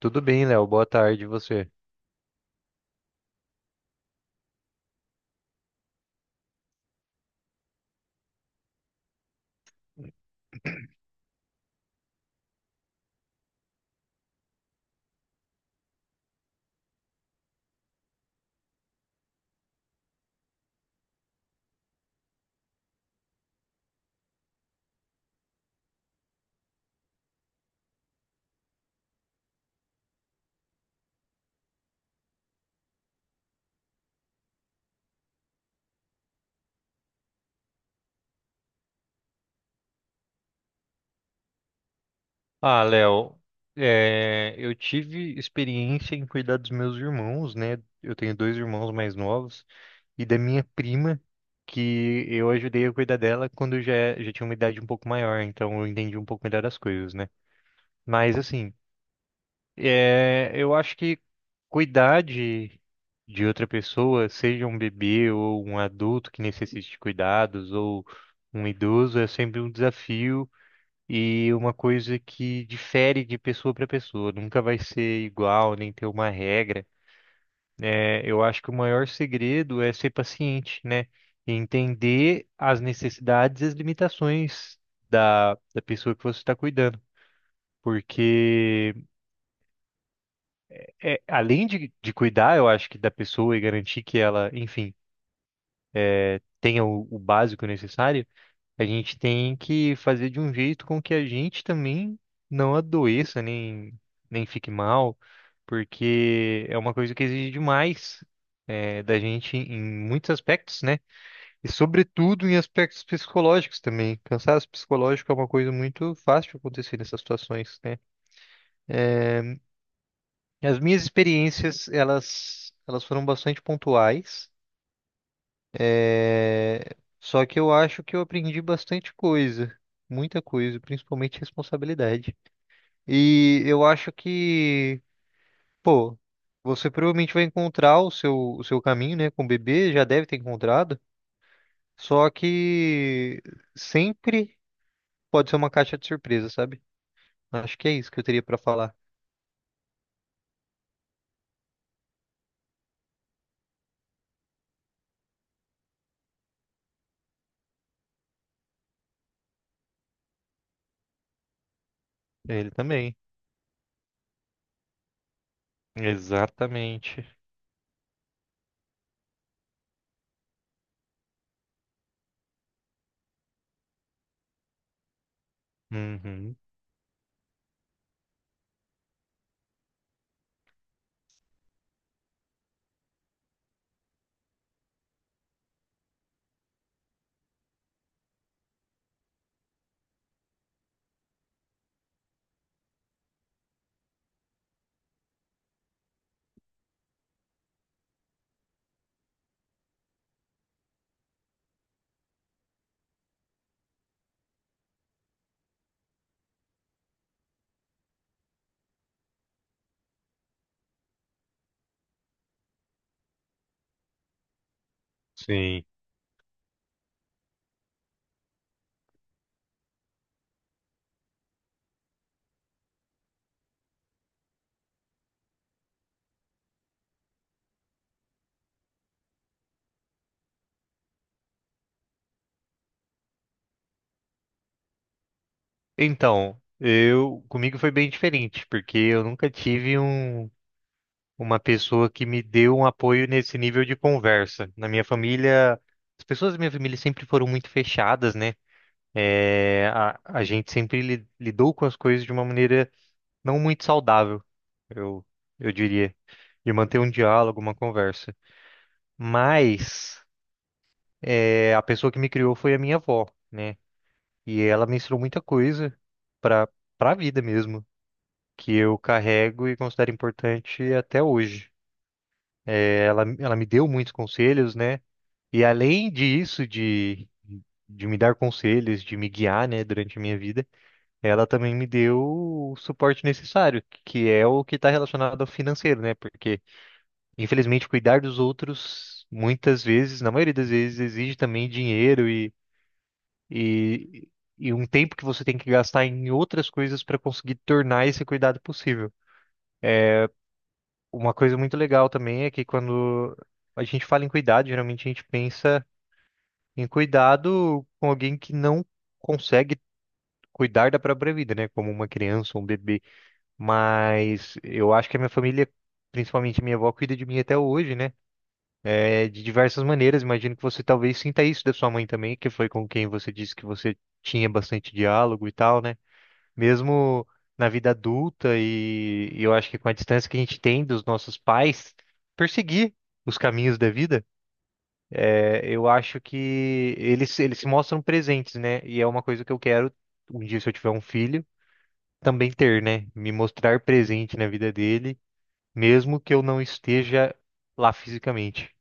Tudo bem, Léo. Boa tarde, e você. Ah, Léo, eu tive experiência em cuidar dos meus irmãos, né? Eu tenho dois irmãos mais novos e da minha prima, que eu ajudei a cuidar dela quando eu já tinha uma idade um pouco maior, então eu entendi um pouco melhor as coisas, né? Mas assim, é, eu acho que cuidar de outra pessoa, seja um bebê ou um adulto que necessite de cuidados ou um idoso, é sempre um desafio e uma coisa que difere de pessoa para pessoa. Nunca vai ser igual, nem ter uma regra. É, eu acho que o maior segredo é ser paciente, né? E entender as necessidades e as limitações da pessoa que você está cuidando. Porque é, além de cuidar, eu acho que da pessoa e garantir que ela, enfim, é, tenha o básico necessário, a gente tem que fazer de um jeito com que a gente também não adoeça, nem, nem fique mal, porque é uma coisa que exige demais. É, da gente em muitos aspectos, né? E sobretudo em aspectos psicológicos também. Cansaço psicológico é uma coisa muito fácil de acontecer nessas situações, né? É, as minhas experiências, elas foram bastante pontuais. É, só que eu acho que eu aprendi bastante coisa, muita coisa, principalmente responsabilidade. E eu acho que, pô, você provavelmente vai encontrar o seu caminho, né, com o bebê, já deve ter encontrado. Só que sempre pode ser uma caixa de surpresa, sabe? Acho que é isso que eu teria pra falar. Ele também. Exatamente. Uhum. Sim. Então, eu comigo foi bem diferente, porque eu nunca tive uma pessoa que me deu um apoio nesse nível de conversa. Na minha família, as pessoas da minha família sempre foram muito fechadas, né? É, a gente sempre lidou com as coisas de uma maneira não muito saudável, eu, eu diria, de manter um diálogo, uma conversa. Mas é, a pessoa que me criou foi a minha avó, né? E ela me ensinou muita coisa para para a vida mesmo, que eu carrego e considero importante até hoje. É, ela me deu muitos conselhos, né? E além disso, de me dar conselhos, de me guiar, né, durante a minha vida, ela também me deu o suporte necessário, que é o que está relacionado ao financeiro, né? Porque, infelizmente, cuidar dos outros, muitas vezes, na maioria das vezes, exige também dinheiro e, e um tempo que você tem que gastar em outras coisas para conseguir tornar esse cuidado possível. Uma coisa muito legal também é que quando a gente fala em cuidado, geralmente a gente pensa em cuidado com alguém que não consegue cuidar da própria vida, né? Como uma criança, um bebê. Mas eu acho que a minha família, principalmente minha avó, cuida de mim até hoje, né? É, de diversas maneiras. Imagino que você talvez sinta isso da sua mãe também, que foi com quem você disse que você tinha bastante diálogo e tal, né? Mesmo na vida adulta e eu acho que com a distância que a gente tem dos nossos pais, perseguir os caminhos da vida, é, eu acho que eles se mostram presentes, né? E é uma coisa que eu quero, um dia, se eu tiver um filho, também ter, né? Me mostrar presente na vida dele, mesmo que eu não esteja lá fisicamente.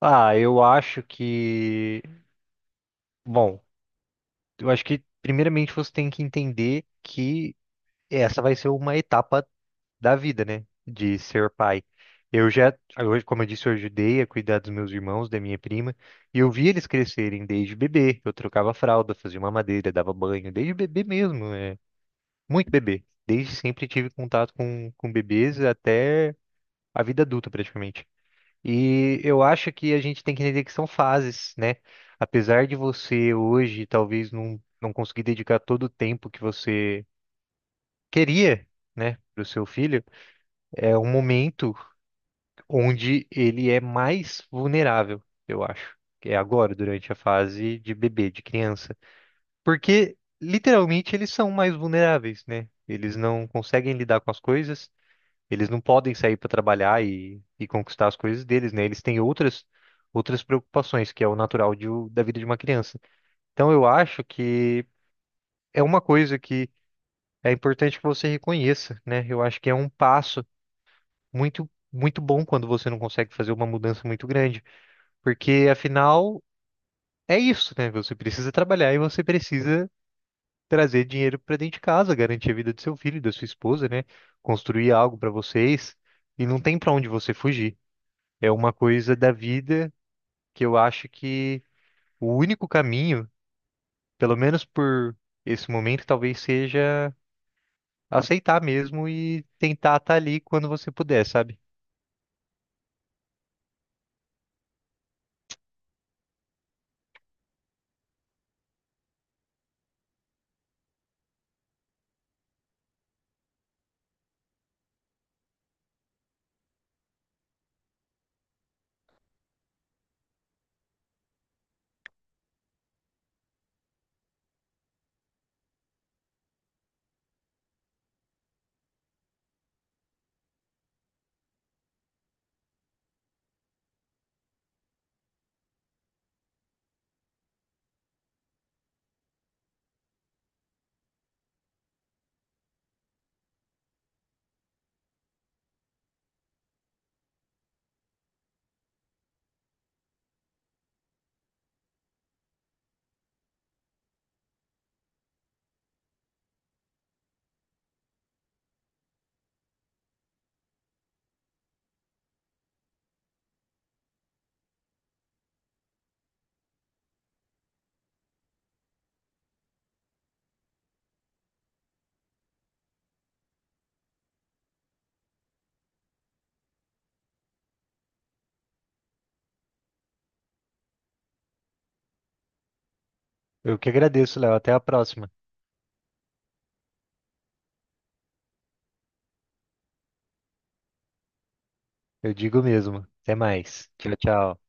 Ah, eu acho que, bom, eu acho que primeiramente você tem que entender que essa vai ser uma etapa da vida, né? De ser pai. Eu já, hoje, como eu disse, eu ajudei a cuidar dos meus irmãos, da minha prima, e eu vi eles crescerem desde bebê. Eu trocava fralda, fazia mamadeira, dava banho, desde bebê mesmo, é, muito bebê. Desde sempre tive contato com bebês até a vida adulta, praticamente. E eu acho que a gente tem que entender que são fases, né? Apesar de você hoje talvez não conseguir dedicar todo o tempo que você queria, né, para o seu filho, é um momento onde ele é mais vulnerável, eu acho, que é agora, durante a fase de bebê, de criança. Porque, literalmente, eles são mais vulneráveis, né? Eles não conseguem lidar com as coisas, eles não podem sair para trabalhar e conquistar as coisas deles, né? Eles têm outras, outras preocupações, que é o natural da vida de uma criança. Então, eu acho que é uma coisa que é importante que você reconheça, né? Eu acho que é um passo muito, muito bom quando você não consegue fazer uma mudança muito grande. Porque afinal é isso, né? Você precisa trabalhar e você precisa trazer dinheiro para dentro de casa, garantir a vida do seu filho, da sua esposa, né? Construir algo para vocês e não tem para onde você fugir. É uma coisa da vida que eu acho que o único caminho, pelo menos por esse momento, talvez seja aceitar mesmo e tentar estar ali quando você puder, sabe? Eu que agradeço, Léo. Até a próxima. Eu digo mesmo. Até mais. Tchau, tchau.